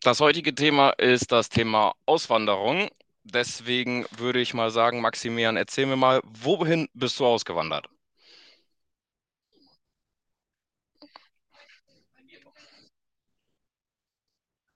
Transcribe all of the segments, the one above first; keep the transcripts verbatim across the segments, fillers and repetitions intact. Das heutige Thema ist das Thema Auswanderung. Deswegen würde ich mal sagen, Maximilian, erzähl mir mal, wohin bist du ausgewandert?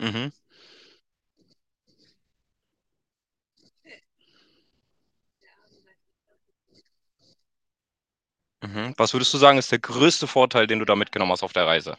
Mhm, mhm. Was würdest du sagen, ist der größte Vorteil, den du da mitgenommen hast auf der Reise?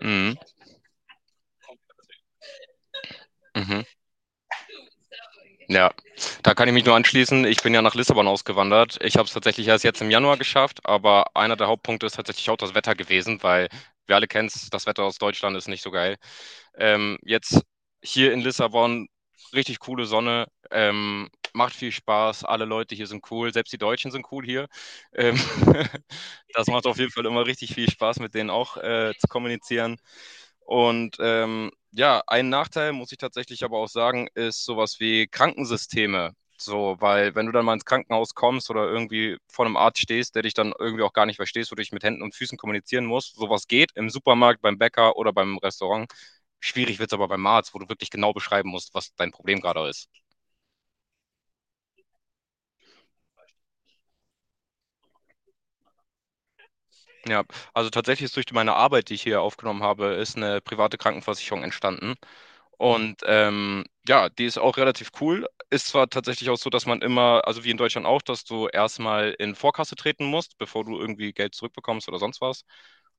Mhm, mhm. Ja, da kann ich mich nur anschließen. Ich bin ja nach Lissabon ausgewandert. Ich habe es tatsächlich erst jetzt im Januar geschafft, aber einer der Hauptpunkte ist tatsächlich auch das Wetter gewesen, weil wir alle kennen es, das Wetter aus Deutschland ist nicht so geil. Ähm, jetzt hier in Lissabon, richtig coole Sonne, ähm, macht viel Spaß, alle Leute hier sind cool, selbst die Deutschen sind cool hier. Ähm, das macht auf jeden Fall immer richtig viel Spaß, mit denen auch äh, zu kommunizieren. Und ähm, ja, ein Nachteil, muss ich tatsächlich aber auch sagen, ist sowas wie Krankensysteme. So, weil wenn du dann mal ins Krankenhaus kommst oder irgendwie vor einem Arzt stehst, der dich dann irgendwie auch gar nicht verstehst, wo du dich mit Händen und Füßen kommunizieren musst, sowas geht im Supermarkt, beim Bäcker oder beim Restaurant. Schwierig wird es aber beim Arzt, wo du wirklich genau beschreiben musst, was dein Problem gerade ist. Ja, also tatsächlich ist durch meine Arbeit, die ich hier aufgenommen habe, ist eine private Krankenversicherung entstanden. Und ähm, ja, die ist auch relativ cool. Ist zwar tatsächlich auch so, dass man immer, also wie in Deutschland auch, dass du erstmal in Vorkasse treten musst, bevor du irgendwie Geld zurückbekommst oder sonst was.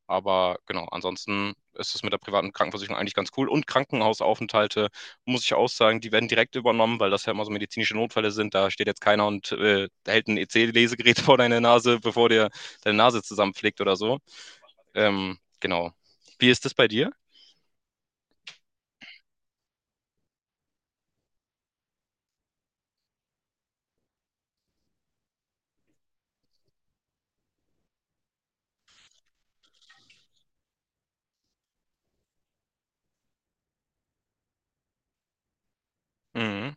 Aber genau, ansonsten ist es mit der privaten Krankenversicherung eigentlich ganz cool. Und Krankenhausaufenthalte, muss ich auch sagen, die werden direkt übernommen, weil das ja immer so medizinische Notfälle sind. Da steht jetzt keiner und äh, hält ein E C-Lesegerät vor deine Nase, bevor dir deine Nase zusammenpflegt oder so. Ähm, genau. Wie ist das bei dir? Mhm,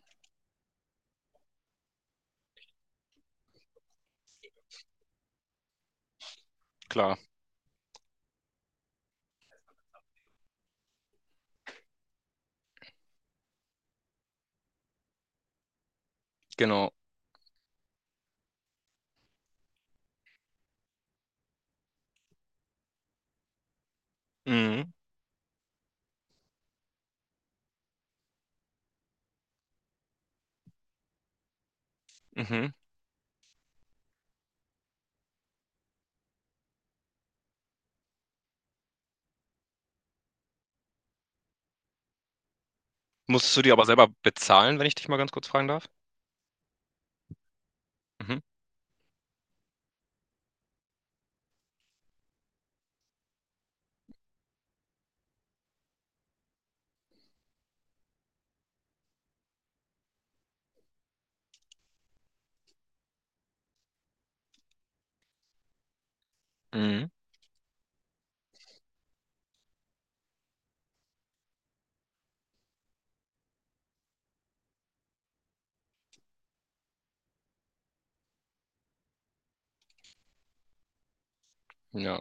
klar, genau. Mhm. Mhm. Musstest du die aber selber bezahlen, wenn ich dich mal ganz kurz fragen darf? Mhm. Mhm. Ja.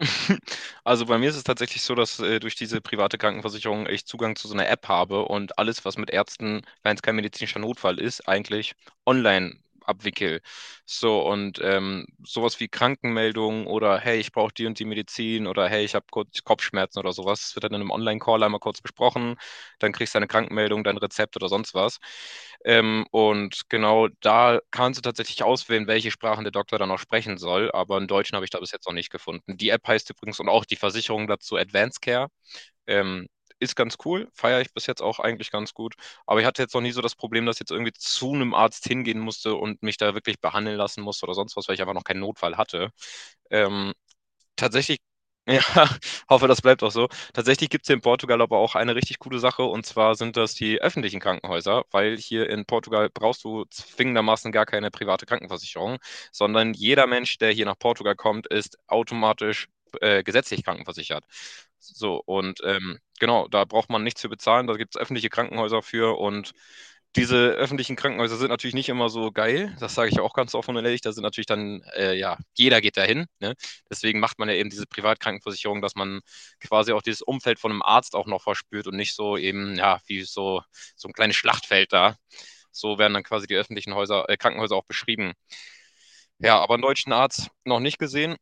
Also bei mir ist es tatsächlich so, dass äh, durch diese private Krankenversicherung ich Zugang zu so einer App habe und alles, was mit Ärzten, wenn es kein medizinischer Notfall ist, eigentlich online abwickel. So und ähm, sowas wie Krankenmeldungen oder hey, ich brauche die und die Medizin oder hey, ich habe kurz Kopfschmerzen oder sowas, das wird dann in einem Online-Call einmal kurz besprochen, dann kriegst du eine Krankmeldung, dein Rezept oder sonst was. Ähm, und genau, da kannst du tatsächlich auswählen, welche Sprachen der Doktor dann auch sprechen soll, aber einen Deutschen habe ich da bis jetzt noch nicht gefunden. Die App heißt übrigens und auch die Versicherung dazu Advanced Care. Ähm, Ist ganz cool, feiere ich bis jetzt auch eigentlich ganz gut. Aber ich hatte jetzt noch nie so das Problem, dass ich jetzt irgendwie zu einem Arzt hingehen musste und mich da wirklich behandeln lassen musste oder sonst was, weil ich einfach noch keinen Notfall hatte. Ähm, Tatsächlich, ja, hoffe, das bleibt auch so. Tatsächlich gibt es hier in Portugal aber auch eine richtig coole Sache und zwar sind das die öffentlichen Krankenhäuser, weil hier in Portugal brauchst du zwingendermaßen gar keine private Krankenversicherung, sondern jeder Mensch, der hier nach Portugal kommt, ist automatisch äh, gesetzlich krankenversichert. So, und ähm, genau, da braucht man nichts für bezahlen, da gibt es öffentliche Krankenhäuser für, und diese öffentlichen Krankenhäuser sind natürlich nicht immer so geil, das sage ich ja auch ganz offen und ehrlich, da sind natürlich dann, äh, ja, jeder geht dahin, ne? Deswegen macht man ja eben diese Privatkrankenversicherung, dass man quasi auch dieses Umfeld von einem Arzt auch noch verspürt und nicht so eben, ja, wie so, so ein kleines Schlachtfeld da. So werden dann quasi die öffentlichen Häuser, äh, Krankenhäuser auch beschrieben. Ja, aber einen deutschen Arzt noch nicht gesehen.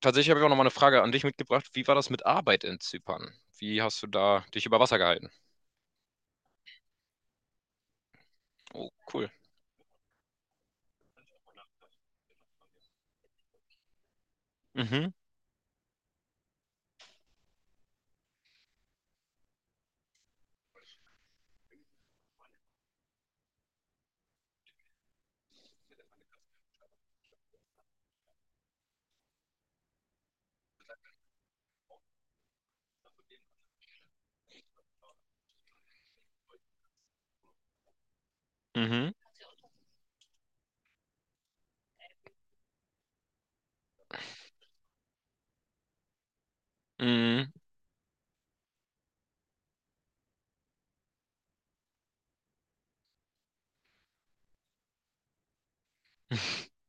Tatsächlich habe ich auch noch mal eine Frage an dich mitgebracht. Wie war das mit Arbeit in Zypern? Wie hast du da dich über Wasser gehalten? Oh, cool. Mhm, mhm, mhm,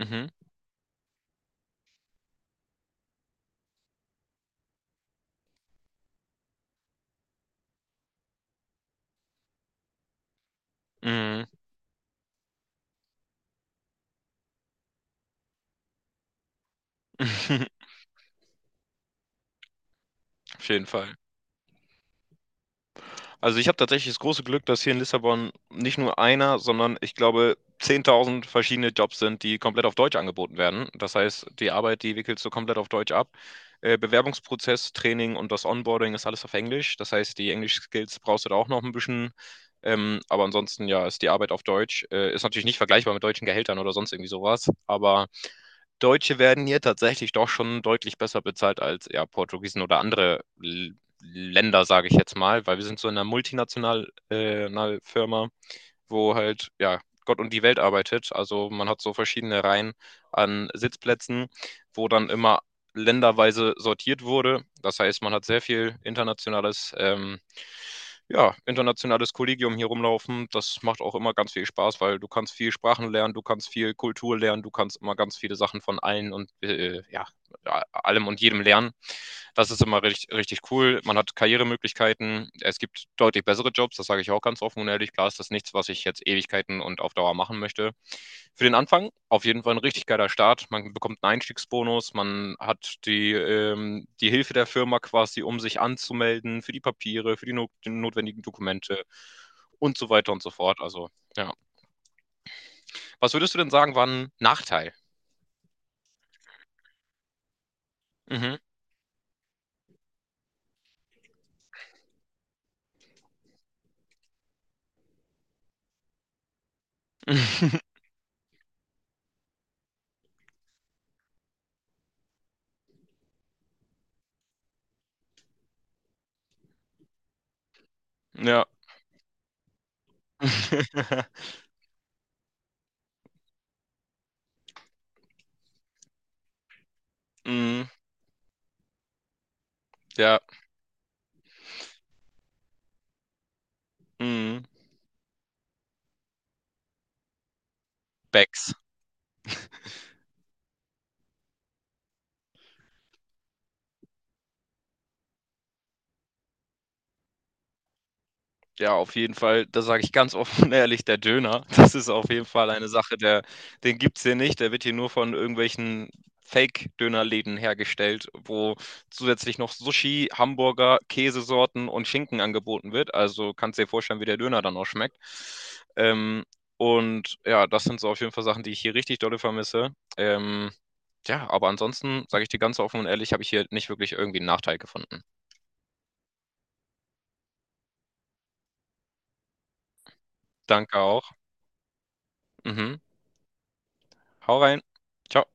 mhm, mhm. Auf jeden Fall. Also ich habe tatsächlich das große Glück, dass hier in Lissabon nicht nur einer, sondern ich glaube zehntausend verschiedene Jobs sind, die komplett auf Deutsch angeboten werden. Das heißt, die Arbeit, die wickelst du komplett auf Deutsch ab. Äh, Bewerbungsprozess, Training und das Onboarding ist alles auf Englisch. Das heißt, die Englisch-Skills brauchst du da auch noch ein bisschen. Ähm, aber ansonsten, ja, ist die Arbeit auf Deutsch. Äh, ist natürlich nicht vergleichbar mit deutschen Gehältern oder sonst irgendwie sowas. Aber Deutsche werden hier tatsächlich doch schon deutlich besser bezahlt als ja, Portugiesen oder andere L Länder, sage ich jetzt mal, weil wir sind so in einer multinationalen äh, einer Firma, wo halt ja Gott und die Welt arbeitet. Also man hat so verschiedene Reihen an Sitzplätzen, wo dann immer länderweise sortiert wurde. Das heißt, man hat sehr viel internationales ähm, ja, internationales Kollegium hier rumlaufen. Das macht auch immer ganz viel Spaß, weil du kannst viel Sprachen lernen, du kannst viel Kultur lernen, du kannst immer ganz viele Sachen von allen und äh, ja, ja, allem und jedem lernen. Das ist immer richtig, richtig cool. Man hat Karrieremöglichkeiten. Es gibt deutlich bessere Jobs, das sage ich auch ganz offen und ehrlich. Klar ist das nichts, was ich jetzt Ewigkeiten und auf Dauer machen möchte. Für den Anfang auf jeden Fall ein richtig geiler Start. Man bekommt einen Einstiegsbonus, man hat die, ähm, die Hilfe der Firma quasi, um sich anzumelden für die Papiere, für die, no die notwendigen Dokumente und so weiter und so fort. Also, ja. Was würdest du denn sagen, war ein Nachteil? Mhm. Ja. Mm. Ja, mhm. Becks. Ja, auf jeden Fall, da sage ich ganz offen und ehrlich, der Döner, das ist auf jeden Fall eine Sache, der, den gibt es hier nicht. Der wird hier nur von irgendwelchen Fake-Dönerläden hergestellt, wo zusätzlich noch Sushi, Hamburger, Käsesorten und Schinken angeboten wird. Also kannst dir vorstellen, wie der Döner dann auch schmeckt. Ähm, und ja, das sind so auf jeden Fall Sachen, die ich hier richtig dolle vermisse. Ähm, ja, aber ansonsten, sage ich dir ganz offen und ehrlich, habe ich hier nicht wirklich irgendwie einen Nachteil gefunden. Danke auch. Mhm. Hau rein. Ciao.